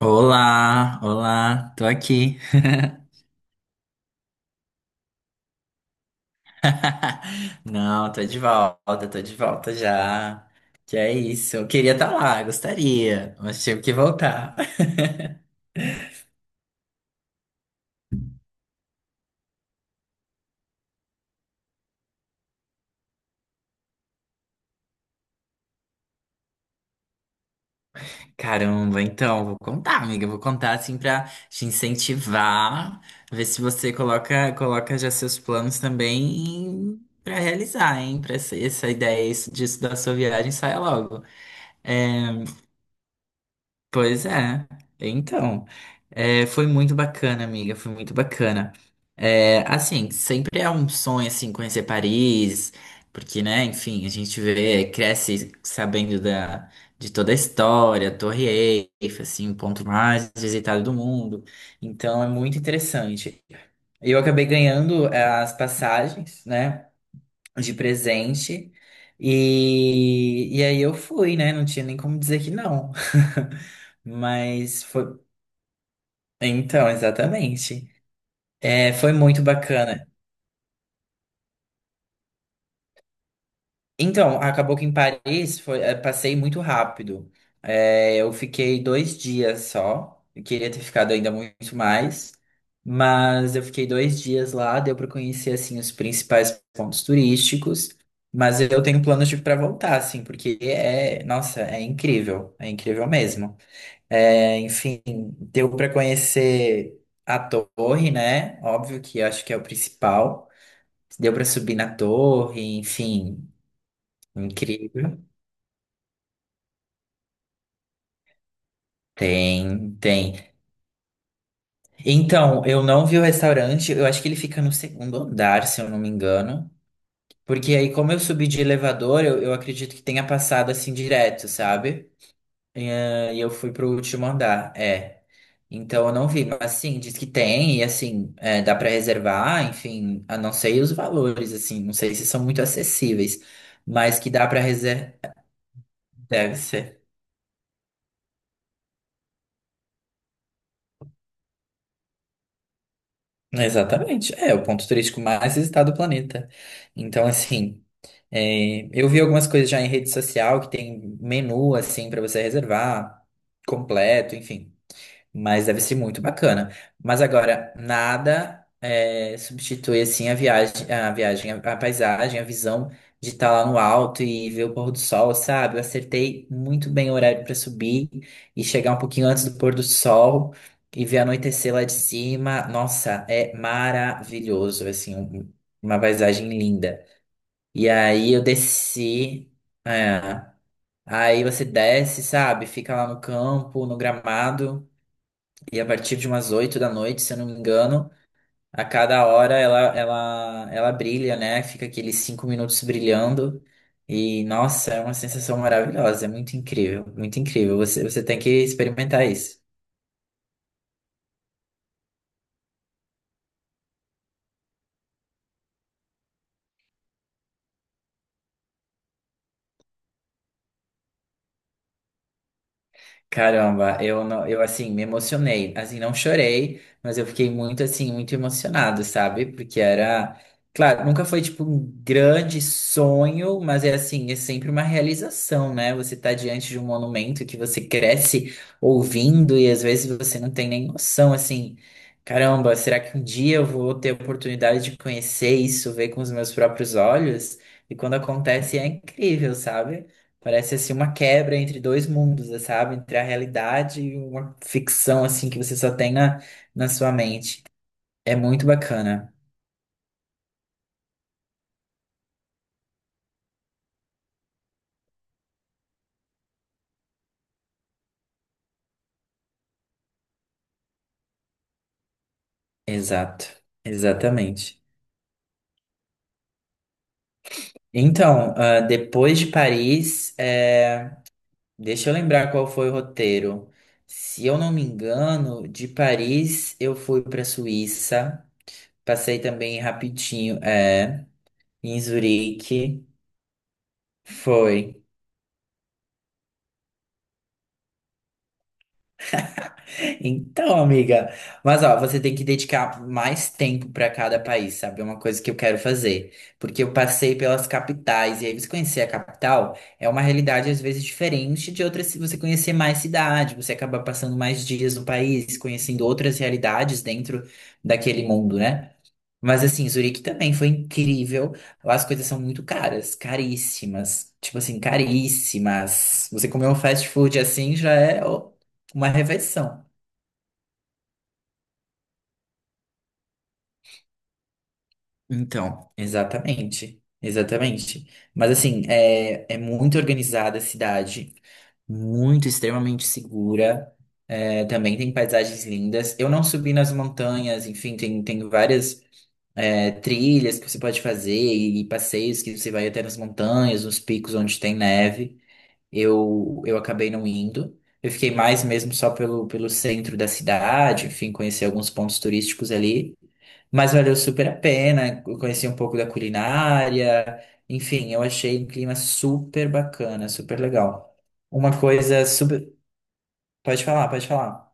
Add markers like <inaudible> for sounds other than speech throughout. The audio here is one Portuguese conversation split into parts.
Olá, olá, tô aqui. <laughs> Não, tô de volta já. Que é isso, eu queria estar lá, gostaria, mas tive que voltar. <laughs> Caramba, então, vou contar, amiga, vou contar assim pra te incentivar, ver se você coloca, coloca já seus planos também pra realizar, hein? Pra essa ideia disso da sua viagem saia logo. É, pois é. Então, é, foi muito bacana, amiga, foi muito bacana. É, assim, sempre é um sonho, assim, conhecer Paris, porque, né, enfim, a gente vê, cresce sabendo da, de toda a história, a Torre Eiffel, assim, o ponto mais visitado do mundo. Então, é muito interessante. Eu acabei ganhando as passagens, né? De presente. E aí eu fui, né? Não tinha nem como dizer que não. <laughs> Mas foi. Então, exatamente. É, foi muito bacana. Então, acabou que em Paris foi, passei muito rápido. Eu fiquei 2 dias só. Eu queria ter ficado ainda muito mais, mas eu fiquei 2 dias lá. Deu para conhecer assim os principais pontos turísticos. Mas eu tenho planos de para voltar, assim, porque é, nossa, é incrível mesmo. Enfim, deu para conhecer a torre, né? Óbvio que acho que é o principal. Deu para subir na torre, enfim, incrível. Tem, tem. Então, eu não vi o restaurante, eu acho que ele fica no segundo andar, se eu não me engano. Porque aí, como eu subi de elevador, eu acredito que tenha passado assim direto, sabe? E eu fui pro último andar, é. Então eu não vi, mas assim, diz que tem, e assim, é, dá pra reservar, enfim, a não sei os valores, assim, não sei se são muito acessíveis, mas que dá pra reservar, deve ser. Exatamente, é o ponto turístico mais visitado do planeta. Então, assim. É, eu vi algumas coisas já em rede social que tem menu assim pra você reservar completo, enfim. Mas deve ser muito bacana. Mas agora, nada substitui assim a viagem, a viagem, a paisagem, a visão de estar lá no alto e ver o pôr do sol, sabe? Eu acertei muito bem o horário para subir e chegar um pouquinho antes do pôr do sol e ver anoitecer lá de cima. Nossa, é maravilhoso, assim, uma paisagem linda. E aí eu desci. É. Aí você desce, sabe? Fica lá no campo, no gramado. E a partir de umas 8 da noite, se eu não me engano, a cada hora ela brilha, né? Fica aqueles 5 minutos brilhando. E nossa, é uma sensação maravilhosa. É muito incrível, muito incrível. Você tem que experimentar isso. Caramba, eu não, eu assim me emocionei, assim não chorei, mas eu fiquei muito assim, muito emocionado, sabe? Porque era, claro, nunca foi tipo um grande sonho, mas é assim, é sempre uma realização, né? Você tá diante de um monumento que você cresce ouvindo e às vezes você não tem nem noção, assim, caramba, será que um dia eu vou ter a oportunidade de conhecer isso, ver com os meus próprios olhos? E quando acontece é incrível, sabe? Parece assim uma quebra entre dois mundos, sabe? Entre a realidade e uma ficção assim que você só tem na sua mente. É muito bacana. Exato. Exatamente. Então, ah, depois de Paris, deixa eu lembrar qual foi o roteiro. Se eu não me engano, de Paris eu fui para Suíça, passei também rapidinho, em Zurique. Foi. Então, amiga, mas ó, você tem que dedicar mais tempo para cada país, sabe? É uma coisa que eu quero fazer, porque eu passei pelas capitais e aí você conhecer a capital é uma realidade às vezes diferente de outras, se você conhecer mais cidade, você acaba passando mais dias no país, conhecendo outras realidades dentro daquele mundo, né? Mas assim, Zurique também foi incrível. Lá as coisas são muito caras, caríssimas. Tipo assim, caríssimas. Você comer um fast food assim já é ó, uma refeição. Então, exatamente, exatamente. Mas assim, é muito organizada a cidade, muito extremamente segura. Também tem paisagens lindas. Eu não subi nas montanhas, enfim, tem várias trilhas que você pode fazer e, passeios que você vai até nas montanhas, nos picos onde tem neve. Eu acabei não indo. Eu fiquei mais mesmo só pelo centro da cidade, enfim, conheci alguns pontos turísticos ali. Mas valeu super a pena. Eu conheci um pouco da culinária. Enfim, eu achei um clima super bacana, super legal. Uma coisa super. Pode falar, pode falar.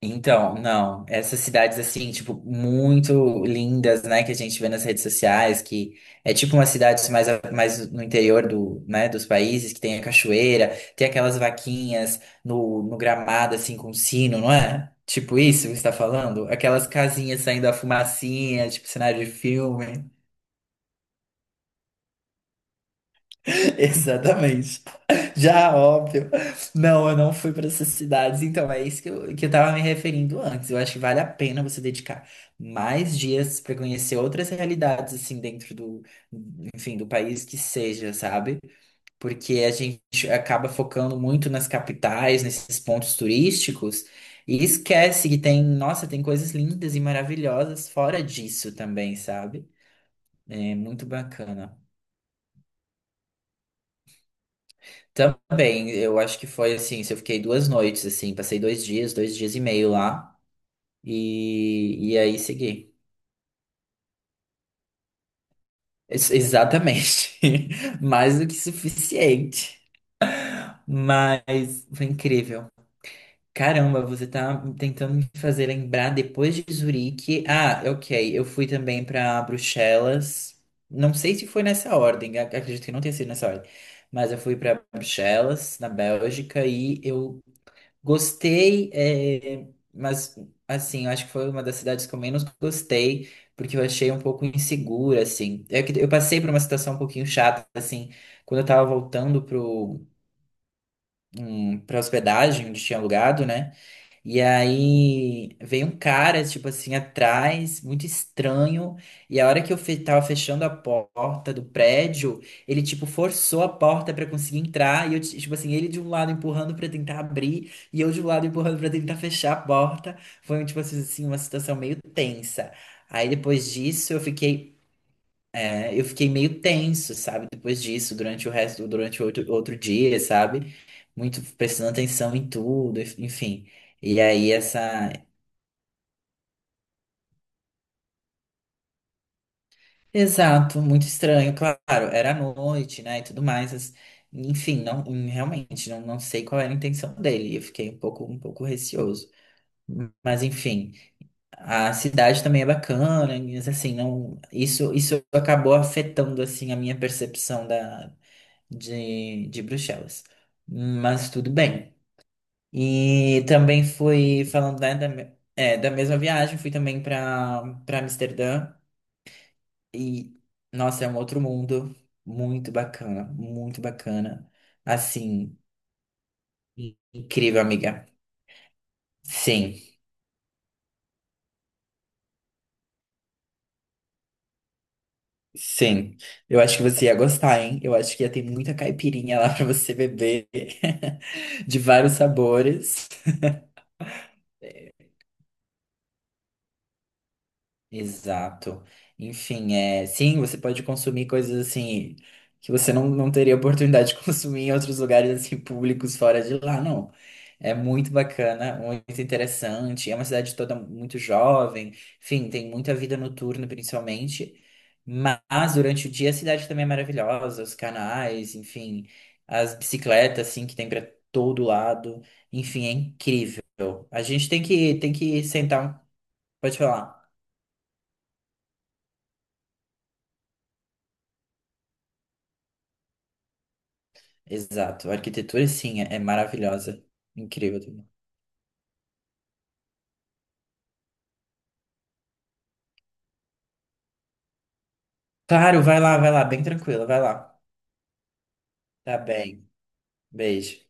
Então, não, essas cidades assim, tipo, muito lindas, né, que a gente vê nas redes sociais, que é tipo umas cidades mais, mais no interior do, né, dos países, que tem a cachoeira, tem aquelas vaquinhas no gramado, assim, com sino, não é? Tipo isso que você está falando? Aquelas casinhas saindo a fumacinha, tipo cenário de filme. <laughs> Exatamente. Já, óbvio. Não, eu não fui para essas cidades. Então, é isso que eu tava me referindo antes. Eu acho que vale a pena você dedicar mais dias para conhecer outras realidades, assim, dentro do, enfim, do país que seja, sabe? Porque a gente acaba focando muito nas capitais, nesses pontos turísticos, e esquece que tem, nossa, tem coisas lindas e maravilhosas fora disso também, sabe? É muito bacana. Também, eu acho que foi assim, se eu fiquei 2 noites, assim, passei 2 dias, 2 dias e meio lá, e aí segui. Exatamente. <laughs> Mais do que suficiente. Mas foi incrível. Caramba, você tá tentando me fazer lembrar depois de Zurique. Ah, ok, eu fui também pra Bruxelas. Não sei se foi nessa ordem, acredito que não tenha sido nessa ordem. Mas eu fui pra Bruxelas, na Bélgica, e eu gostei, é, mas assim, eu acho que foi uma das cidades que eu menos gostei, porque eu achei um pouco insegura, assim. É que eu passei por uma situação um pouquinho chata, assim, quando eu tava voltando pra hospedagem onde tinha alugado, né? E aí veio um cara, tipo assim, atrás, muito estranho. E a hora que eu fe tava fechando a porta do prédio, ele, tipo, forçou a porta pra conseguir entrar. E eu, tipo assim, ele de um lado empurrando pra tentar abrir, e eu de um lado empurrando pra tentar fechar a porta. Foi, tipo assim, assim, uma situação meio tensa. Aí depois disso eu fiquei meio tenso, sabe? Depois disso, durante o outro dia, sabe? Muito prestando atenção em tudo, enfim. E aí essa. Exato, muito estranho, claro, era à noite, né, e tudo mais, enfim, não, realmente, não, não sei qual era a intenção dele, eu fiquei um pouco receoso, mas enfim, a cidade também é bacana, mas assim, não, isso acabou afetando, assim, a minha percepção de Bruxelas, mas tudo bem, e também fui, falando, né, da mesma viagem, fui também para Amsterdã, e, nossa, é um outro mundo muito bacana, muito bacana. Assim, incrível, amiga. Sim, sim. Eu acho que você ia gostar, hein? Eu acho que ia ter muita caipirinha lá <laughs> pra você beber, <laughs> de vários sabores. Exato. Enfim, sim, você pode consumir coisas assim que você não, não teria oportunidade de <laughs> consumir em outros lugares assim públicos fora de lá, não. É muito bacana, muito interessante. É uma cidade toda muito jovem. Enfim, tem muita vida noturna, principalmente. Mas durante o dia a cidade também é maravilhosa, os canais, enfim, as bicicletas assim que tem para todo lado. Enfim, é incrível. A gente tem que sentar. Pode falar. Exato. A arquitetura, sim, é maravilhosa. Incrível também. Claro, vai lá, vai lá. Bem tranquila, vai lá. Tá bem. Beijo.